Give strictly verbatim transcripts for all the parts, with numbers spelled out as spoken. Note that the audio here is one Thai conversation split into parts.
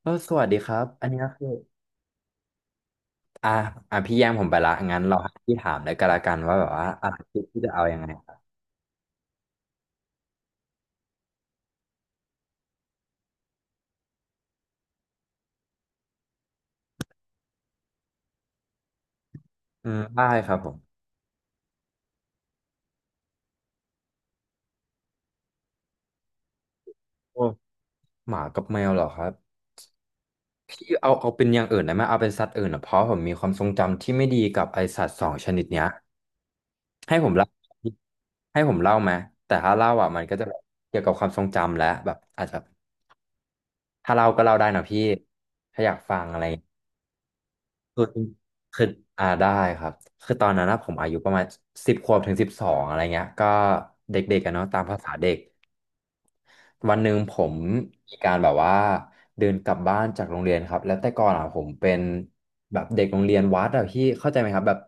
เออสวัสดีครับ อันนี้ก็คืออ่ะอ่ะพี่แย่งผมไปละงั้นเราหาที่ถามแล้วก็แล้กันว่าแบบว่าอ่ะพี่พี่จะเอายังไงครับอืมได้ครับผมโอ้หมากับแมวเหรอครับพี่เอาเอาเป็นอย่างอื่นได้ไหมเอาเป็นสัตว์อื่นอ่ะเพราะผมมีความทรงจำที่ไม่ดีกับไอสัตว์สองชนิดเนี้ยให้ผมเล่าให้ผมเล่าไหมแต่ถ้าเล่าอ่ะมันก็จะแบบเกี่ยวกับความทรงจำและแบบอาจจะถ้าเล่าก็เล่าได้นะพี่ถ้าอยากฟังอะไร คือคืออ่าได้ครับคือตอนนั้นนะผมอายุประมาณสิบขวบถึงสิบสองอะไรเงี้ยก็เด็กๆกันเนาะตามภาษาเด็กวันหนึ่งผมมีการแบบว่าเดินกลับบ้านจากโรงเรียนครับแล้วแต่ก่อนอ่ะผมเป็นแบบเด็กโรงเรียนวัดอะพี่เข้าใจไหมครับแบบ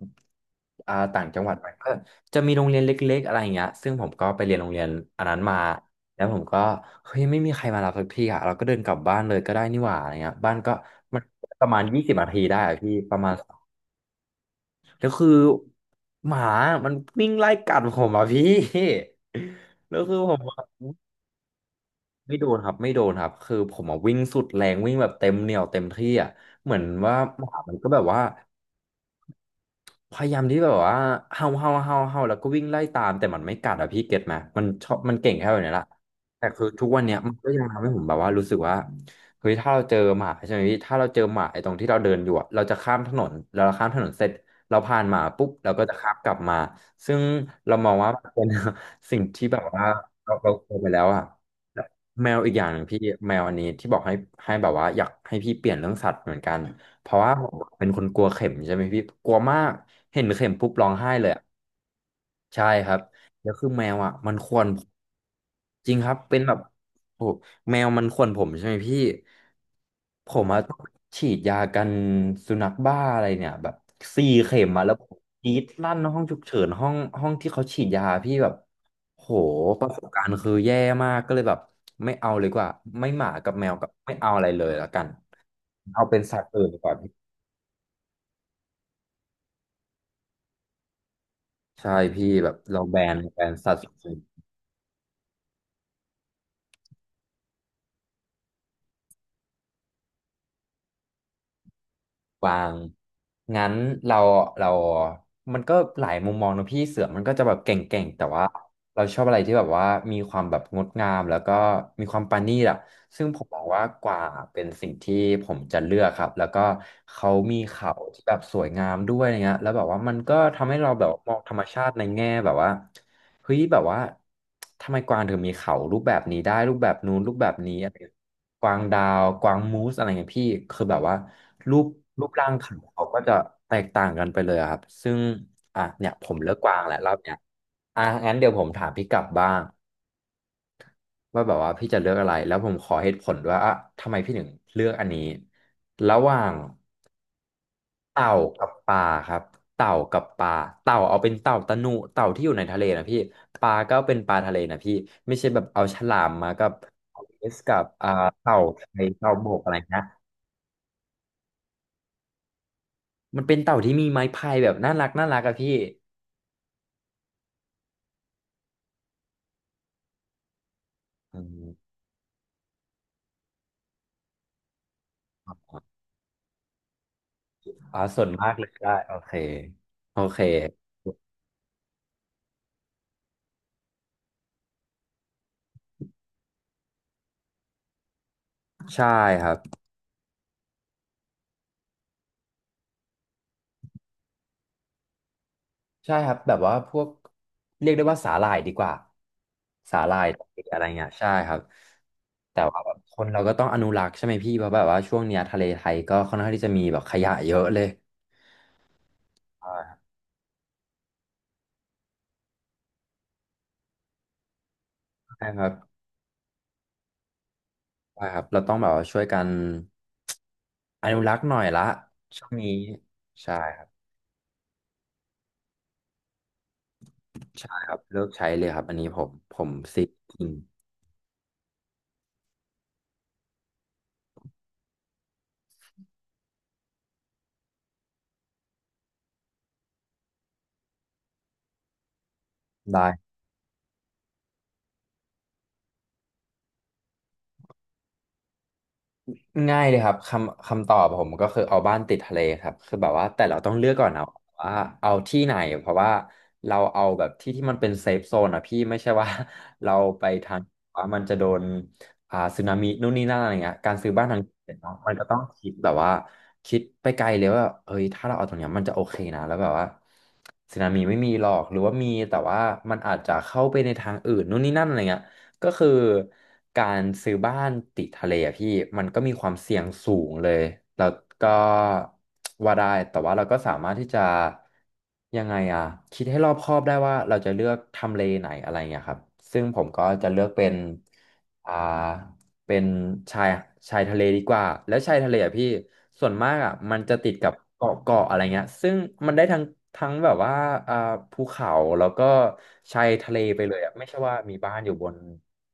อ่าต่างจังหวัดไปก็จะมีโรงเรียนเล็กๆอะไรเงี้ยซึ่งผมก็ไปเรียนโรงเรียนอันนั้นมาแล้วผมก็เฮ้ยไม่มีใครมารับสักทีอ่ะเราก็เดินกลับบ้านเลยก็ได้นี่หว่าอะไรเงี้ยบ้านก็มันประมาณยี่สิบนาทีได้อะพี่ประมาณ แล้วคือหมามันวิ่งไล่กัดผมอ่ะพี่ แล้วคือผมอะไม่โดนครับไม่โดนครับคือผมอ่ะวิ่งสุดแรงวิ่งแบบเต็มเหนี่ยวเต็มที่อ่ะเหมือนว่าหมามันก็แบบว่า พยายามที่แบบว่าเฮาเฮาเฮาเฮาแล้วก็วิ่งไล่ตามแต่มันไม่กัดอะพี่เก็ตไหมมันชอบมันเก่งแค่แบบนี้ละแต่คือทุกวันเนี้ยมันก็ยังทำให้ผมแบบว่ารู้สึกว่าเฮ้ยถ้าเราเจอหมาใช่ไหมพี่ถ้าเราเจอหมาไอ้ตรงที่เราเดินอยู่อะเราจะข้ามถนนแล้วเราข้ามถนนเสร็จเราผ่านหมาปุ๊บเราก็จะข้ามกลับมาซึ่งเรามองว่าเป็น สิ่งที่แบบว่าเราเราเคยไปแล้วอะแมวอีกอย่างหนึ่งพี่แมวอันนี้ที่บอกให้ให้แบบว่าอยากให้พี่เปลี่ยนเรื่องสัตว์เหมือนกัน เพราะว่าผมเป็นคนกลัวเข็มใช่ไหมพี่กลัวมากเห็นเข็มปุ๊บร้องไห้เลยอะใช่ครับแล้วคือแมวอ่ะมันข่วนผมจริงครับเป็นแบบโอ้โหแมวมันข่วนผมใช่ไหมพี่ผมอะต้องฉีดยากันสุนัขบ้าอะไรเนี่ยแบบสี่เข็มมาแล้วผมกรีดลั่นห้องฉุกเฉินห้องห้องที่เขาฉีดยาพี่แบบโหประสบการณ์คือแย่มากก็เลยแบบไม่เอาเลยดีกว่าไม่หมากับแมวกับไม่เอาอะไรเลยละกันเอาเป็นสัตว์อื่นดีกว่า ใช่พี่แบบเราแบนแบนสัตว์ส่วนกวางงั้นเราเรามันก็หลายมุมมองนะพี่เสือมันก็จะแบบเก่งๆแต่ว่าเราชอบอะไรที่แบบว่ามีความแบบงดงามแล้วก็มีความปราณีตอะซึ่งผมมองว่ากว่าเป็นสิ่งที่ผมจะเลือกครับแล้วก็เขามีเขาที่แบบสวยงามด้วยอะไรเงี้ยแล้วแบบว่ามันก็ทำให้เราแบบมองธรรมชาติในแง่แบบว่า เฮ้ยแบบว่าทำไมกวางถึงมีเขารูปแบบนี้ได้รูปแบบนู้นรูปแบบนี้อะไรกวางดาวกวางมูสอะไรเงี้ยพี่คือแบบว่ารูปรูปร่างเขาเขาก็จะแตกต่างกันไปเลยอะครับซึ่งอ่ะเนี่ยผมเลือกกวางแหละรอบเนี้ยอ่ะงั้นเดี๋ยวผมถามพี่กลับบ้างว่าแบบว่าพี่จะเลือกอะไรแล้วผมขอเหตุผลด้วยอ่ะทำไมพี่ถึงเลือกอันนี้ระหว่าง เต่ากับปลาครับเต่ากับปลาเต่าเอาเป็นเต่าตะหนุเต่าที่อยู่ในทะเลนะพี่ปลาก็เป็นปลาทะเลนะพี่ไม่ใช่แบบเอาฉลามมากับเอสกับอ่าเต่าไทยเต่าบกอะไรนะมันเป็นเต่าที่มีไม้พายแบบน่ารักน่ารักอะพี่อืมอ๋อส่วนมากเลยได้โอเคโอเคใช่ครับ ใช่ครับแบบว่าพวกเรียกได้ว่าสาหร่ายดีกว่าสาหร่ายอะไรเงี้ยใช่ครับแต่ว่าแบบคนเราก็ต้องอนุรักษ์ใช่ไหมพี่เพราะแบบว่าช่วงเนี้ยทะเลไทยก็ค่อนข้างที่จะมีแบบขยะเยอะเลยอ่าใช่ครับใช่ครับเราต้องแบบว่าช่วยกันอนุรักษ์หน่อยละช่วงนี้ใช่ครับใช่ครับเลิกใช้เลยครับอันนี้ผมผมซิกจริงได้ ง่ายเลยครับคำคำตอบผมก็คือเอาบ้านติดทะเลครับคือแบบว่าแต่เราต้องเลือกก่อนนะว่าเอาที่ไหนเพราะว่าเราเอาแบบที่ที่มันเป็นเซฟโซนอ่ะพี่ไม่ใช่ว่า เราไปทางว่ามันจะโดนอ่าสึนามินู่นนี่นั่นอะไรเงี้ยการซื้อบ้านทางเเนาะมันก็ต้องคิดแบบว่าคิดไปไกลเลยว่าเอ้ยถ้าเราเอาตรงเนี้ยมันจะโอเคนะแล้วแบบว่าสึนามิไม่มีหรอกหรือว่ามีแต่ว่ามันอาจจะเข้าไปในทางอื่นนู่นนี่นั่นอะไรเงี้ย ก็คือการซื้อบ้านติดทะเลอะพี่มันก็มีความเสี่ยงสูงเลยแล้วก็ว่าได้แต่ว่าเราก็สามารถที่จะยังไงอะคิดให้รอบคอบได้ว่าเราจะเลือกทำเลไหนอะไรเงี้ยครับซึ่งผมก็จะเลือกเป็นอ่า เป็นชายชายทะเลดีกว่าแล้วชายทะเลอ่ะพี่ส่วนมากอ่ะมันจะติดกับเกาะเกาะอะไรเงี้ยซึ่งมันได้ทั้งทั้งแบบว่าอ่าภูเขาแล้วก็ชายทะเลไปเลยอ่ะไม่ใช่ว่ามีบ้านอยู่บน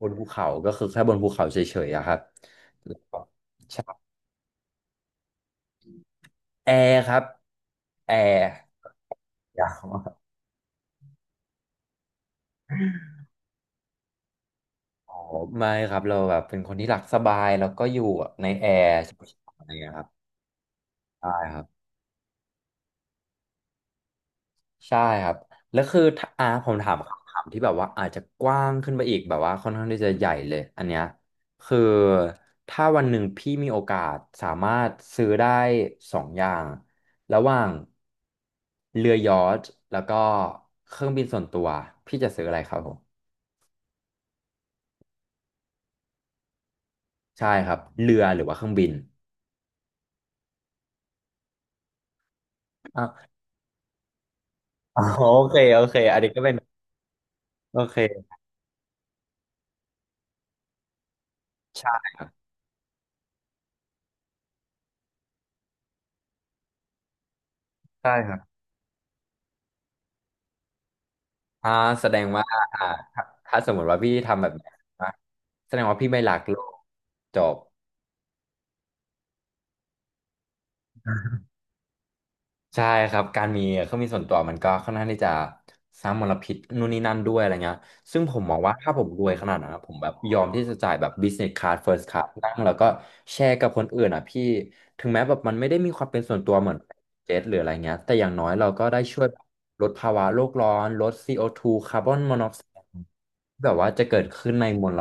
บนภูเขาก็คือแค่บนภูเขาเฉยๆอะครับแล้วก็แอร์ครับแอร์ยาวมากอ๋อไม่ครับเราแบบเป็นคนที่รักสบายแล้วก็อยู่ในแอร์อะไรอย่างเงี้ยครับใช่ครับ ใช่ครับแล้วคือถ้าอ่าผมถามคำถามที่แบบว่าอาจจะกว้างขึ้นไปอีกแบบว่าค่อนข้างที่จะใหญ่เลยอันเนี้ยคือถ้าวันหนึ่งพี่มีโอกาสสามารถซื้อได้สองอย่างระหว่างเรือยอชท์แล้วก็เครื่องบินส่วนตัวพี่จะซื้ออะไรครับผมใช่ครับเรือหรือว่าเครื่องบิน อ่ะอ๋อโอเคโอเคอันนี้ก็เป็นโอเคใช่ใช่ครับ อ่าแสดงว่าอ่าถ้าถ้าสมมติว่าพี่ทำแบบนี้นะแสดงว่าพี่ไม่รักโลกจบใช่ครับการมีเครื่องบินส่วนตัวมันก็ค่อนข้างที่จะสร้างมลพิษนู่นนี่นั่นด้วยอะไรเงี้ยซึ่งผมมองว่าถ้าผมรวยขนาดนั้นนะผมแบบยอมที่จะจ่ายแบบ business class first class นั่งแล้วก็แชร์กับคนอื่นอ่ะพี่ถึงแม้แบบมันไม่ได้มีความเป็นส่วนตัวเหมือนเจ็ตหรืออะไรเงี้ยแต่อย่างน้อยเราก็ได้ช่วยลดภาวะโลกร้อนลด ซี โอ ทู คาร์บอนมอนอกไซด์แบบว่าจะเกิดขึ้นในมล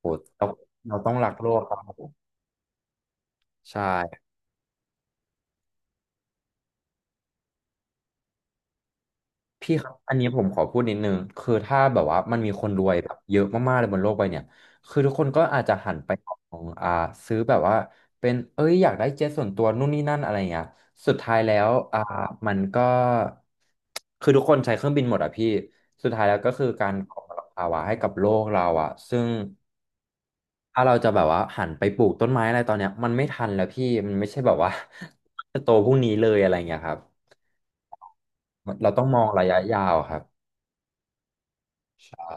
โหเราเราต้องรักโลกครับผมใช่พี่ครับอันนี้ผมขอพูดนิดนึงคือถ้าแบบว่ามันมีคนรวยแบบเยอะมากๆเลยบนโลกใบเนี่ยคือทุกคนก็อาจจะหันไปของอ่าซื้อแบบว่าเป็นเอ้ยอยากได้เจ็ตส่วนตัวนู่นนี่นั่นอะไรเงี้ยสุดท้ายแล้วอ่ามันก็คือทุกคนใช้เครื่องบินหมดอ่ะพี่สุดท้ายแล้วก็คือการก่อมลภาวะให้กับโลกเราอ่ะซึ่งถ้าเราจะแบบว่าหันไปปลูกต้นไม้อะไรตอนเนี้ยมันไม่ทันแล้วพี่มันไม่ใช่แบบว่า จะโตพรุ่งนี้เลยอะไรเงี้ยครับ เราต้องมองระยะยาวครับใช่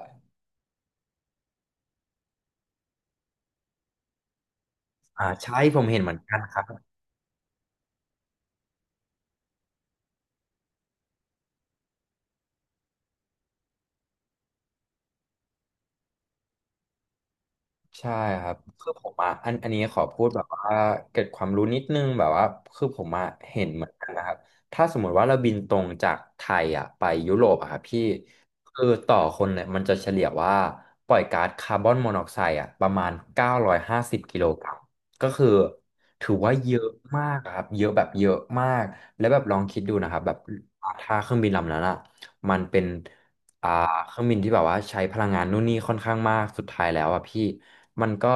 อ่าใช่ผมเห็นเหมือนกันครับ ใช่ครับคือผมอาะอันอันนี้ขอพูดแบบว่าเกร็ดความรู้นิดนึงแบบว่าคือผมอ่ะเห็นเหมือนกันนะครับถ้าสมมุติว่าเราบินตรงจากไทยอ่ะไปยุโรปอ่ะครับพี่คือต่อคนเนี่ยมันจะเฉลี่ยว่าปล่อยก๊าซคาร์บอนมอนอกไซด์อ่ะประมาณเก้าร้อยห้าสิบกิโลกรัมก็คือถือว่าเยอะมากอะครับเยอะแบบเยอะมากแล้วแบบลองคิดดูนะครับแบบถ้าเครื่องบินลำนั้นอ่ะมันเป็นอ่าเครื่องบินที่แบบว่าใช้พลังงานนู่นนี่ค่อนข้างมากสุดท้ายแล้วอ่ะพี่ มันก็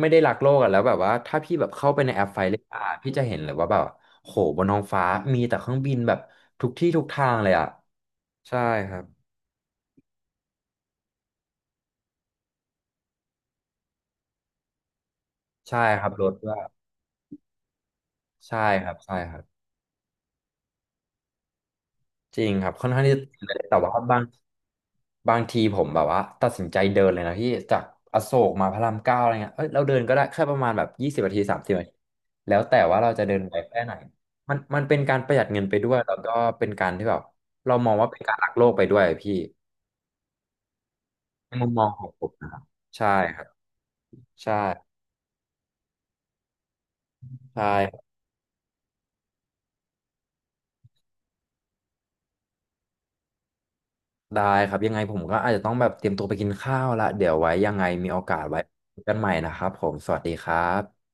ไม่ได้รักโลกอะแล้วแบบว่าถ้าพี่แบบเข้าไปในแอปไฟเลยาพี่จะเห็นเลยว่าแบบโหบนท้องฟ้ามีแต่เครื่องบินแบบทุกที่ทุกทางเลยอ่ะใช่ครับใช่ครับรถด้วยใช่ครับใช่ครับ จริงครับค่อนข้างที่จะติดเลยแต่ว่าบางบางทีผมแบบว่าตัดสินใจเดินเลยนะพี่จากอโศกมาพระรามเก้าอะไรเงี้ยเอ้ยเราเดินก็ได้แค่ประมาณแบบยี่สิบนาทีสามสิบนาทีแล้วแต่ว่าเราจะเดินไปแค่ไหนมันมันเป็นการประหยัดเงินไปด้วยแล้วก็เป็นการที่แบบเรามองว่าเป็นการรักโลกไปด้วยพี่ในมุมมองของผมนะครับใช่ครับใช่ใช่ครับได้ครับยังไงผมก็อาจจะต้องแบบเตรียมตัวไปกินข้าวละเดี๋ยวไว้ยังไงมีโอกาสไว้คุยกันใหม่นะครับผมสวัสดีครับ